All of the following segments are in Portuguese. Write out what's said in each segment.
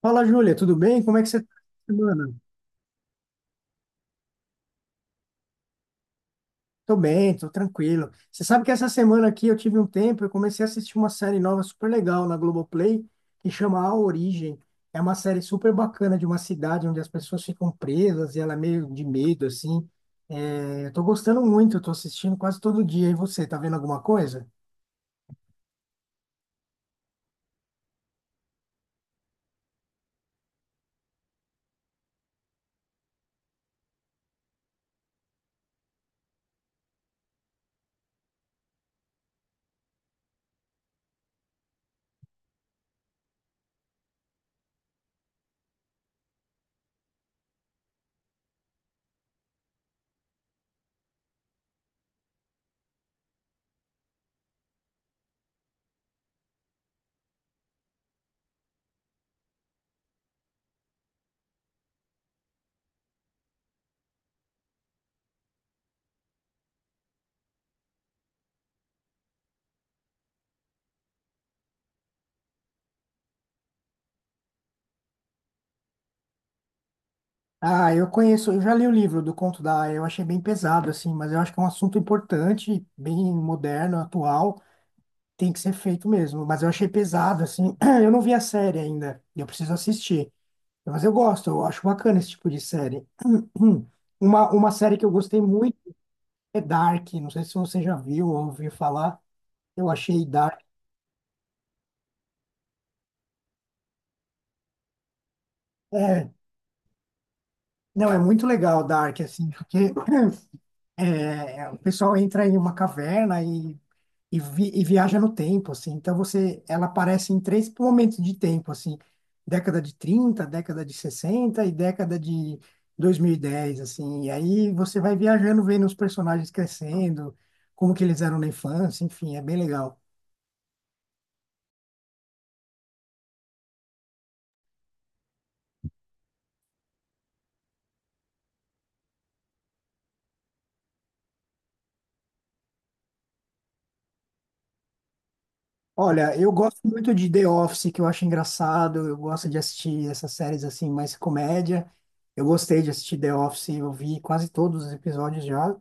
Fala, Júlia, tudo bem? Como é que você tá essa semana? Tô bem, tô tranquilo. Você sabe que essa semana aqui eu tive um tempo, eu comecei a assistir uma série nova super legal na Globoplay, que chama A Origem. É uma série super bacana de uma cidade onde as pessoas ficam presas e ela é meio de medo, assim. É, eu tô gostando muito, eu tô assistindo quase todo dia. E você, tá vendo alguma coisa? Ah, eu conheço, eu já li o livro do Conto da Aia, eu achei bem pesado, assim, mas eu acho que é um assunto importante, bem moderno, atual. Tem que ser feito mesmo, mas eu achei pesado, assim. Eu não vi a série ainda, e eu preciso assistir. Mas eu gosto, eu acho bacana esse tipo de série. Uma série que eu gostei muito é Dark, não sei se você já viu ou ouviu falar. Eu achei Dark. É, não, é muito legal Dark, assim, porque o pessoal entra em uma caverna e viaja no tempo, assim. Então ela aparece em três momentos de tempo, assim, década de 30, década de 60 e década de 2010, assim. E aí você vai viajando, vendo os personagens crescendo, como que eles eram na infância, enfim, é bem legal. Olha, eu gosto muito de The Office, que eu acho engraçado, eu gosto de assistir essas séries assim, mais comédia. Eu gostei de assistir The Office, eu vi quase todos os episódios já.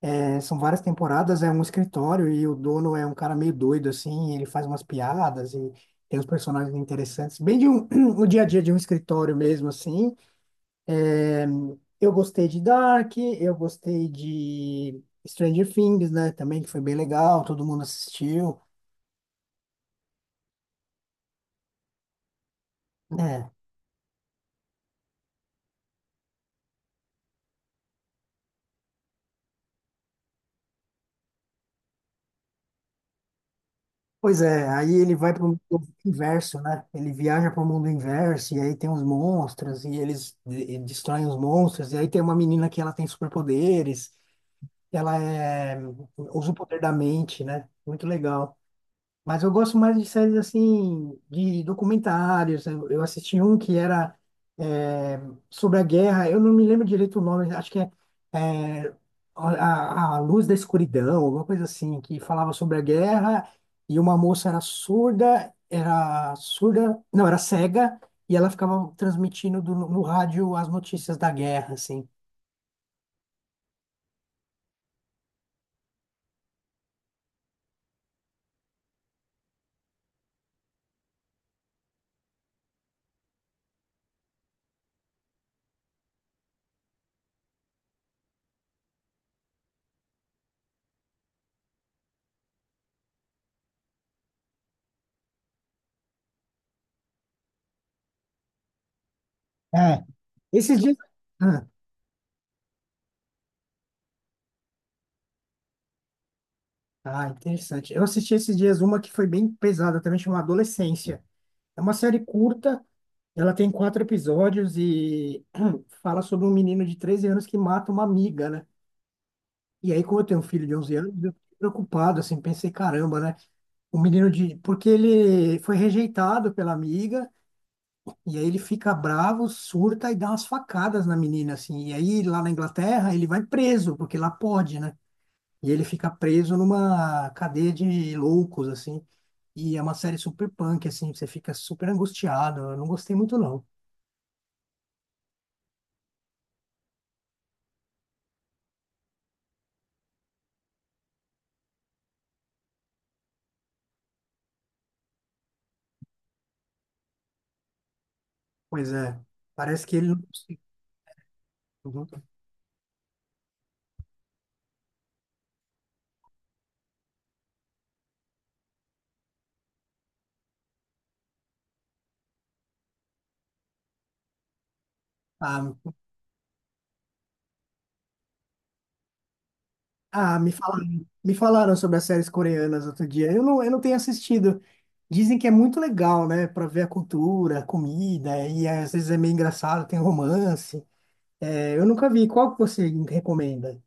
É, são várias temporadas, é um escritório e o dono é um cara meio doido, assim, ele faz umas piadas e tem uns personagens interessantes, o dia a dia de um escritório mesmo, assim. Eu gostei de Dark, eu gostei de Stranger Things, né, também, que foi bem legal, todo mundo assistiu, né. Pois é, aí ele vai para o mundo inverso, né? Ele viaja para o mundo inverso, e aí tem os monstros, e eles destroem os monstros, e aí tem uma menina que ela tem superpoderes. Ela usa o poder da mente, né? Muito legal. Mas eu gosto mais de séries assim, de documentários. Eu assisti um que era é, sobre a guerra. Eu não me lembro direito o nome. Acho que é é, a, a Luz da Escuridão, alguma coisa assim, que falava sobre a guerra. E uma moça era surda, não, era cega. E ela ficava transmitindo no rádio as notícias da guerra, assim. É. Esses dias. Ah, interessante. Eu assisti esses dias uma que foi bem pesada também, chama Adolescência. É uma série curta, ela tem quatro episódios e fala sobre um menino de 13 anos que mata uma amiga, né? E aí, como eu tenho um filho de 11 anos, eu fiquei preocupado, assim, pensei, caramba, né? O menino de... Porque ele foi rejeitado pela amiga e aí ele fica bravo, surta e dá umas facadas na menina, assim. E aí, lá na Inglaterra, ele vai preso, porque lá pode, né? E ele fica preso numa cadeia de loucos, assim. E é uma série super punk, assim, você fica super angustiado. Eu não gostei muito, não. Pois é, parece que ele não conseguiu. Uhum. Ah, ah, me falaram sobre as séries coreanas outro dia. Eu não tenho assistido. Dizem que é muito legal, né? Pra ver a cultura, a comida, e às vezes é meio engraçado, tem romance. É, eu nunca vi. Qual que você recomenda?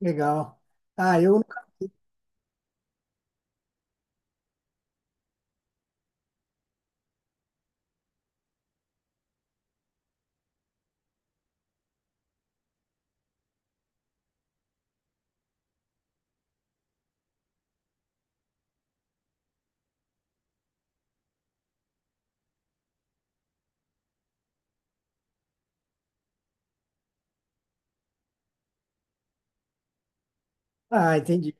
Legal. Ah, eu. Ah, entendi.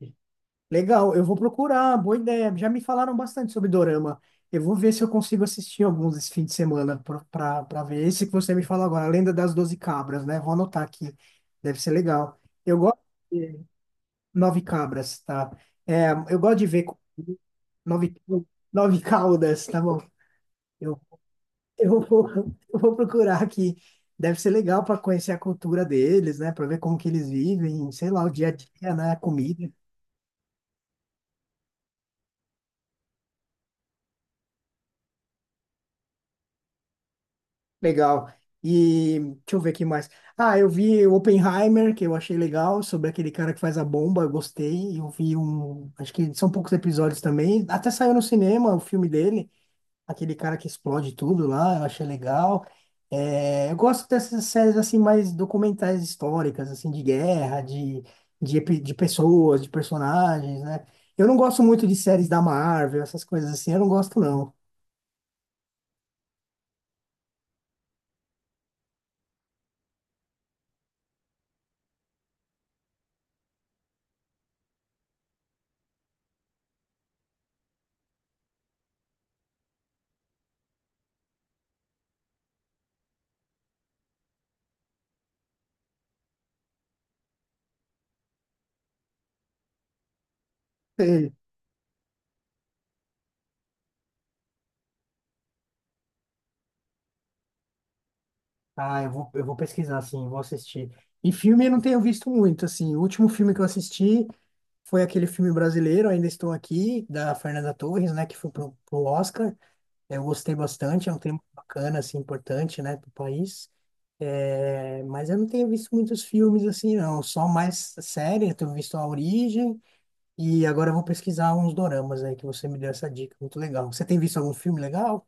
Legal, eu vou procurar, boa ideia. Já me falaram bastante sobre Dorama. Eu vou ver se eu consigo assistir alguns esse fim de semana para ver esse que você me falou agora, A Lenda das Doze Cabras, né? Vou anotar aqui, deve ser legal. Eu gosto de Nove Cabras, tá? É, eu gosto de ver Nove, nove Caudas, tá bom? Eu, eu vou, eu vou procurar aqui. Deve ser legal para conhecer a cultura deles, né? Para ver como que eles vivem, sei lá, o dia a dia, né? A comida. Legal. E deixa eu ver aqui mais. Ah, eu vi o Oppenheimer, que eu achei legal, sobre aquele cara que faz a bomba, eu gostei. Eu vi um. Acho que são poucos episódios também. Até saiu no cinema o filme dele, aquele cara que explode tudo lá, eu achei legal. É, eu gosto dessas séries assim, mais documentais históricas, assim, de guerra, de pessoas, de personagens, né? Eu não gosto muito de séries da Marvel, essas coisas assim, eu não gosto, não. Ah, eu vou pesquisar, assim, vou assistir. E filme eu não tenho visto muito, assim. O último filme que eu assisti foi aquele filme brasileiro, Ainda Estou Aqui, da Fernanda Torres, né, que foi pro Oscar. Eu gostei bastante, é um tema bacana, assim, importante, né, pro país. É, mas eu não tenho visto muitos filmes, assim, não. Só mais série, eu tenho visto A Origem. E agora eu vou pesquisar uns doramas aí, que você me deu essa dica. Muito legal. Você tem visto algum filme legal?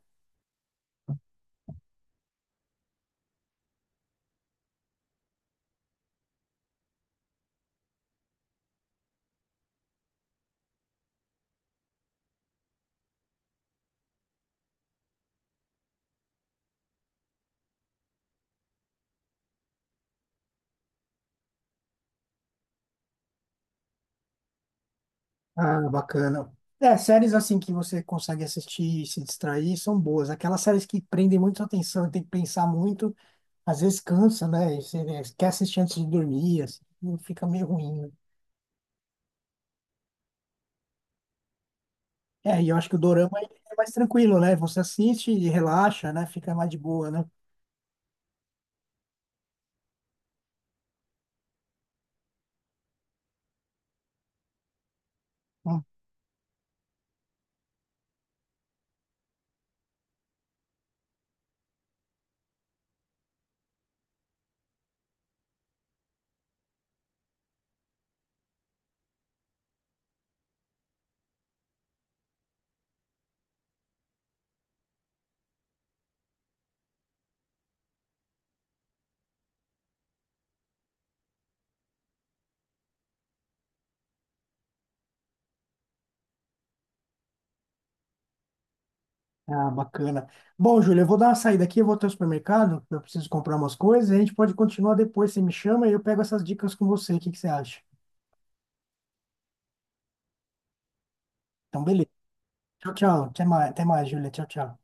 Ah, bacana. É, séries assim que você consegue assistir e se distrair são boas. Aquelas séries que prendem muito a atenção e tem que pensar muito, às vezes cansa, né? E você, né, quer assistir antes de dormir, assim, e fica meio ruim, né? É, e eu acho que o dorama ele é mais tranquilo, né? Você assiste e relaxa, né? Fica mais de boa, né? Hum. Ah, bacana. Bom, Júlio, eu vou dar uma saída aqui, eu vou até o supermercado, eu preciso comprar umas coisas, e a gente pode continuar depois, você me chama e eu pego essas dicas com você, o que que você acha? Então, beleza. Tchau, tchau. Até mais, Júlia. Tchau, tchau.